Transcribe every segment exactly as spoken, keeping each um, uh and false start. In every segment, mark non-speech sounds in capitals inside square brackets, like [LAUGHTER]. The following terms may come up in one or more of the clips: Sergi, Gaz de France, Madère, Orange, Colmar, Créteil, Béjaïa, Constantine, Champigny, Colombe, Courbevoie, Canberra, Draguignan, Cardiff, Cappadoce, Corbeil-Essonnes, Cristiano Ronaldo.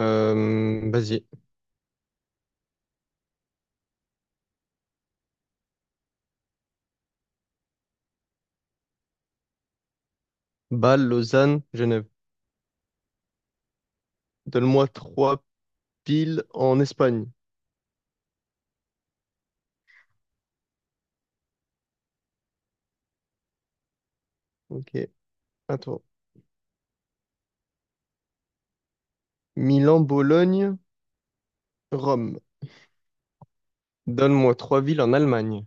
Euh, vas-y. Bâle, Lausanne, Genève. Donne-moi trois villes en Espagne. Ok, attends. Milan, Bologne, Rome. Donne-moi trois villes en Allemagne.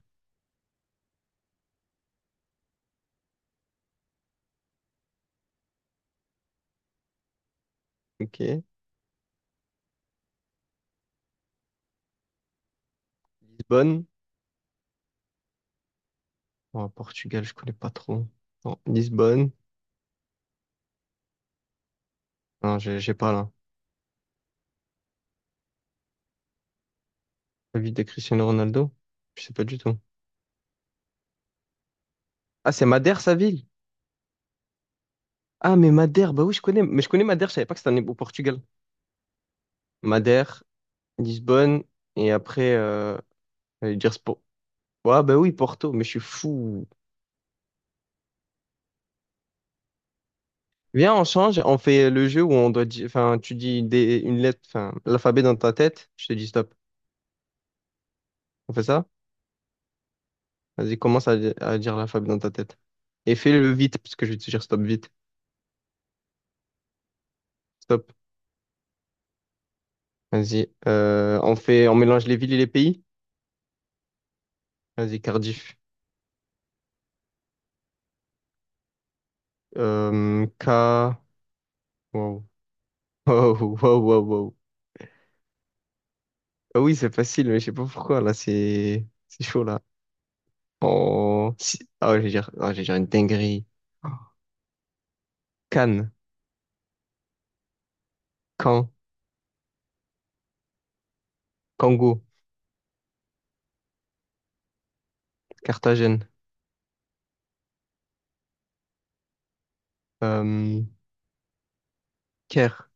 Ok. Lisbonne. Oh, Portugal, je connais pas trop. Non, Lisbonne. Non, j'ai j'ai pas là. La ville de Cristiano Ronaldo? Je sais pas du tout. Ah, c'est Madère, sa ville? Ah, mais Madère, bah oui, je connais. Mais je connais Madère, je savais pas que c'était en- au Portugal. Madère, Lisbonne, et après, euh, j'allais dire Spo. Ouais, bah oui, Porto, mais je suis fou. Viens, on change, on fait le jeu où on doit dire, enfin, tu dis des, une lettre, enfin, l'alphabet dans ta tête, je te dis stop. On fait ça? Vas-y, commence à, à dire l'alphabet dans ta tête. Et fais-le vite, parce que je vais te dire stop vite. Stop. Vas-y. Euh, on fait, on mélange les villes et les pays. Vas-y, Cardiff. Euh, K. Wow. [LAUGHS] Wow, wow, wow, wow. Ah oui, c'est facile, mais je sais pas pourquoi, là, c'est, c'est chaud, là. Oh, si- ah, ouais, je vais dire, ah, je vais dire une dinguerie. Cannes, Caen, Congo, Carthagène. Euh, Kerr.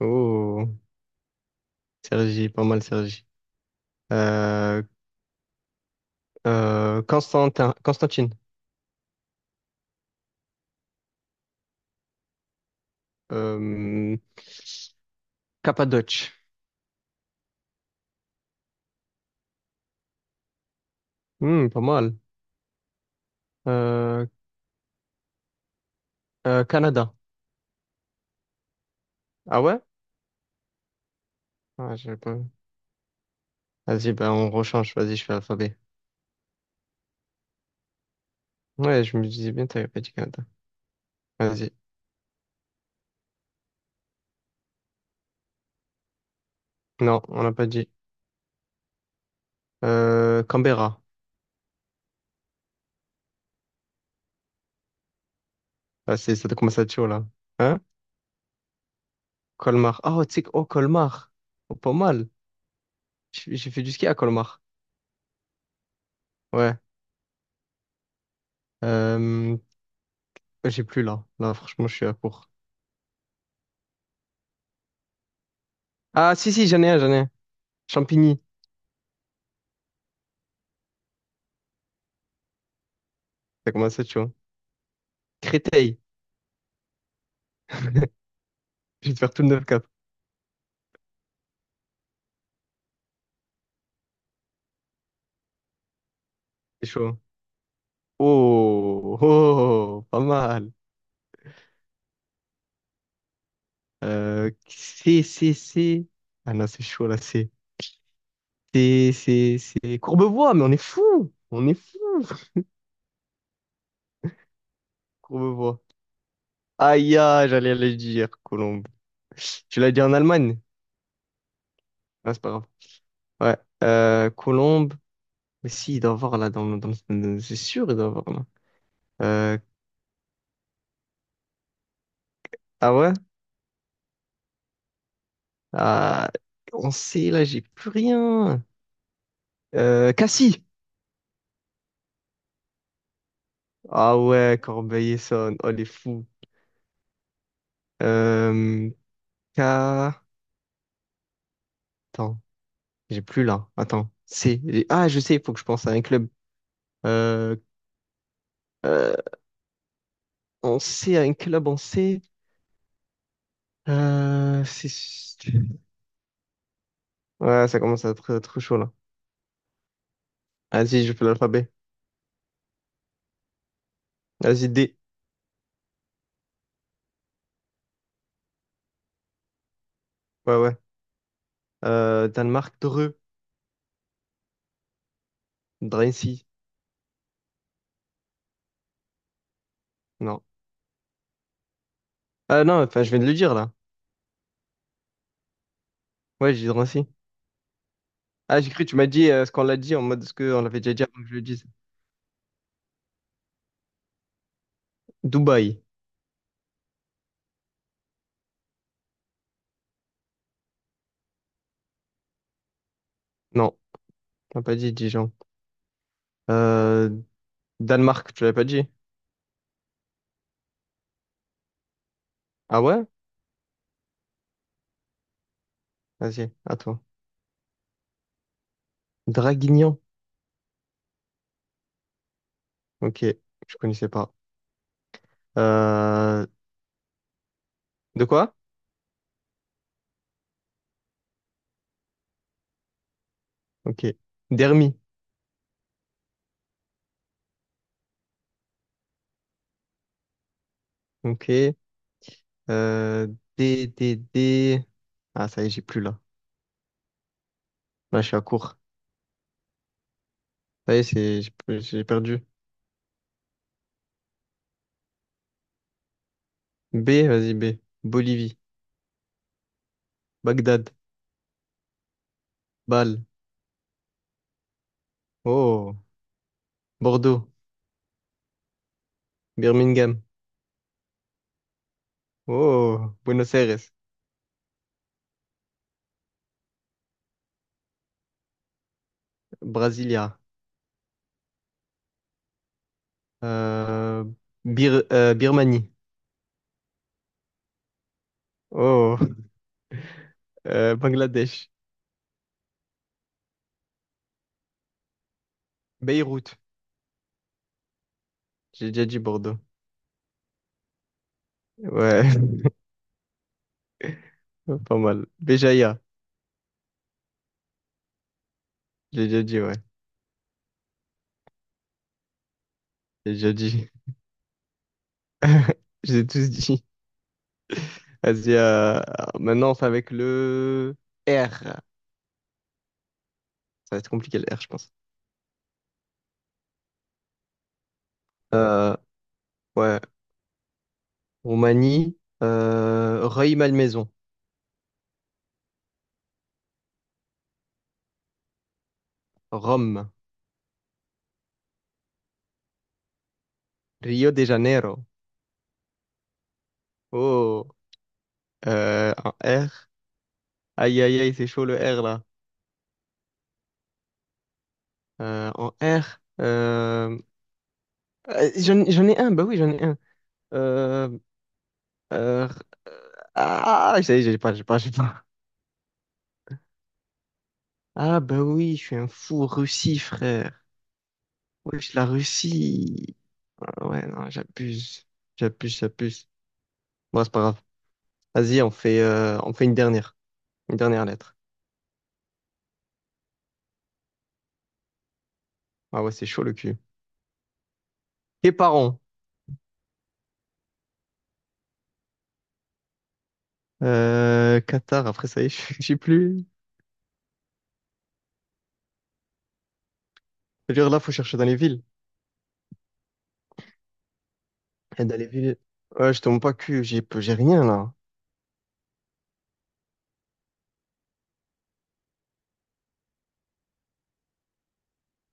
Oh, Sergi, pas mal Sergi. Euh, euh, Constantin, Constantine. Euh, Cappadoce. Hmm, pas mal. Euh, euh, Canada. Ah ouais? Ah, j'ai pas- Vas-y, ben on rechange. Vas-y, je fais alphabet. Ouais, je me disais bien, t'avais pas dit Canada. Vas-y. Non, on n'a pas dit. Euh, Canberra. Ah, c'est, ça commence à être chaud, là. Hein? Colmar. Ah, Oh, tu sais, que- oh, Colmar. Oh, pas mal. J'ai j'ai fait du ski à Colmar. Ouais. Euh, Ouais, j'ai plus là. Là, franchement, je suis à court. Ah, si, si, j'en ai un, j'en ai un. Champigny. Ça commence à être chaud, hein. Créteil. Je vais te faire tout le neuf cap. C'est chaud, hein. Oh, oh, oh, oh, pas mal. Euh, c'est, c'est, c'est. Ah non, c'est chaud là, c'est. C'est, c'est, c'est. Courbevoie, mais on est fou. On est fou, Courbevoie. Aïe, aïe, j'allais le dire, Colombe. Tu l'as dit en Allemagne? Ah, c'est pas grave. Ouais. Euh, Colombe. Mais si, il doit y avoir là, dans, dans, dans- c'est sûr, il doit y avoir là. Euh, ah ouais? Ah, on sait, là, j'ai plus rien. Euh, Cassie. Ah ouais, Corbeil-Essonnes. Oh, les fous. Euh, K... Attends, j'ai plus là. Attends. C. Ah, je sais, il faut que je pense à un club. Euh, euh, on sait, à un club, on sait. Euh, c'est... Ouais, ça commence à être trop chaud, là. Vas-y, je fais l'alphabet. Vas-y, D. Ouais, ouais. Euh, Danemark, Dreux. Drancy. Non. Ah non, enfin, je viens de le dire, là. Ouais, j'ai dit Drancy. Ah, j'ai cru, tu m'as dit euh, ce qu'on l'a dit en mode ce qu'on l'avait déjà dit avant que je le dise. Dubaï. Non, t'as pas dit Dijon. Euh, Danemark, tu l'avais pas dit. Ah ouais? Vas-y, à toi. Draguignan. Ok, je connaissais pas. Euh, de quoi? Ok. Dermi. Ok. Euh, D, D, D. Ah, ça y est, j'ai plus là. Là, je suis à court. Ça y est, c'est, j'ai plus- j'ai perdu. B, vas-y, B. Bolivie. Bagdad. Bâle. Oh. Bordeaux. Birmingham. Oh, Buenos Aires, Brasilia, euh, Bir- euh, Birmanie, oh, euh, Bangladesh, Beyrouth, j'ai déjà dit Bordeaux, ouais, [LAUGHS] pas mal, Béjaïa, j'ai déjà dit, ouais, j'ai déjà dit, [LAUGHS] j'ai tous dit. Vas-y, euh, maintenant c'est avec le R, ça va être compliqué le R, je pense. Euh, ouais, Roumanie, euh, Rueil-Malmaison, Rome, Rio de Janeiro, oh, euh, un R. Aïe, aïe, aïe, c'est chaud le R là. Euh, en R, euh, euh, j'en, j'en ai un, bah oui, j'en ai un. Euh, euh, euh, ah, ça y est, j'ai pas, j'ai pas, j'ai pas. [LAUGHS] Ah, bah oui, je suis un fou Russie, frère. Oui, la Russie. Ah ouais, non, j'abuse. J'abuse, j'abuse. Bon, c'est pas grave. Vas-y, on fait, euh, on fait une dernière. Une dernière lettre. Ah ouais, c'est chaud le cul. Tes parents. Euh, Qatar, après ça y est, [LAUGHS] je sais plus. C'est-à-dire là, faut chercher dans les villes. Et d'aller vivre. Ouais, je te montre pas que j'ai j'ai rien là.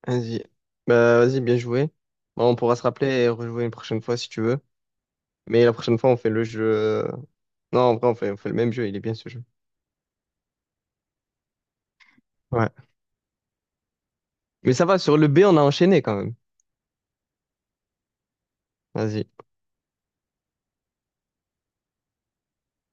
Vas-y. Bah, vas-y, bien joué. Bon, on pourra se rappeler et rejouer une prochaine fois si tu veux. Mais la prochaine fois, on fait le jeu, euh, non, en vrai, on fait, on fait le même jeu. Il est bien ce jeu. Ouais. Mais ça va, sur le B, on a enchaîné quand même. Vas-y.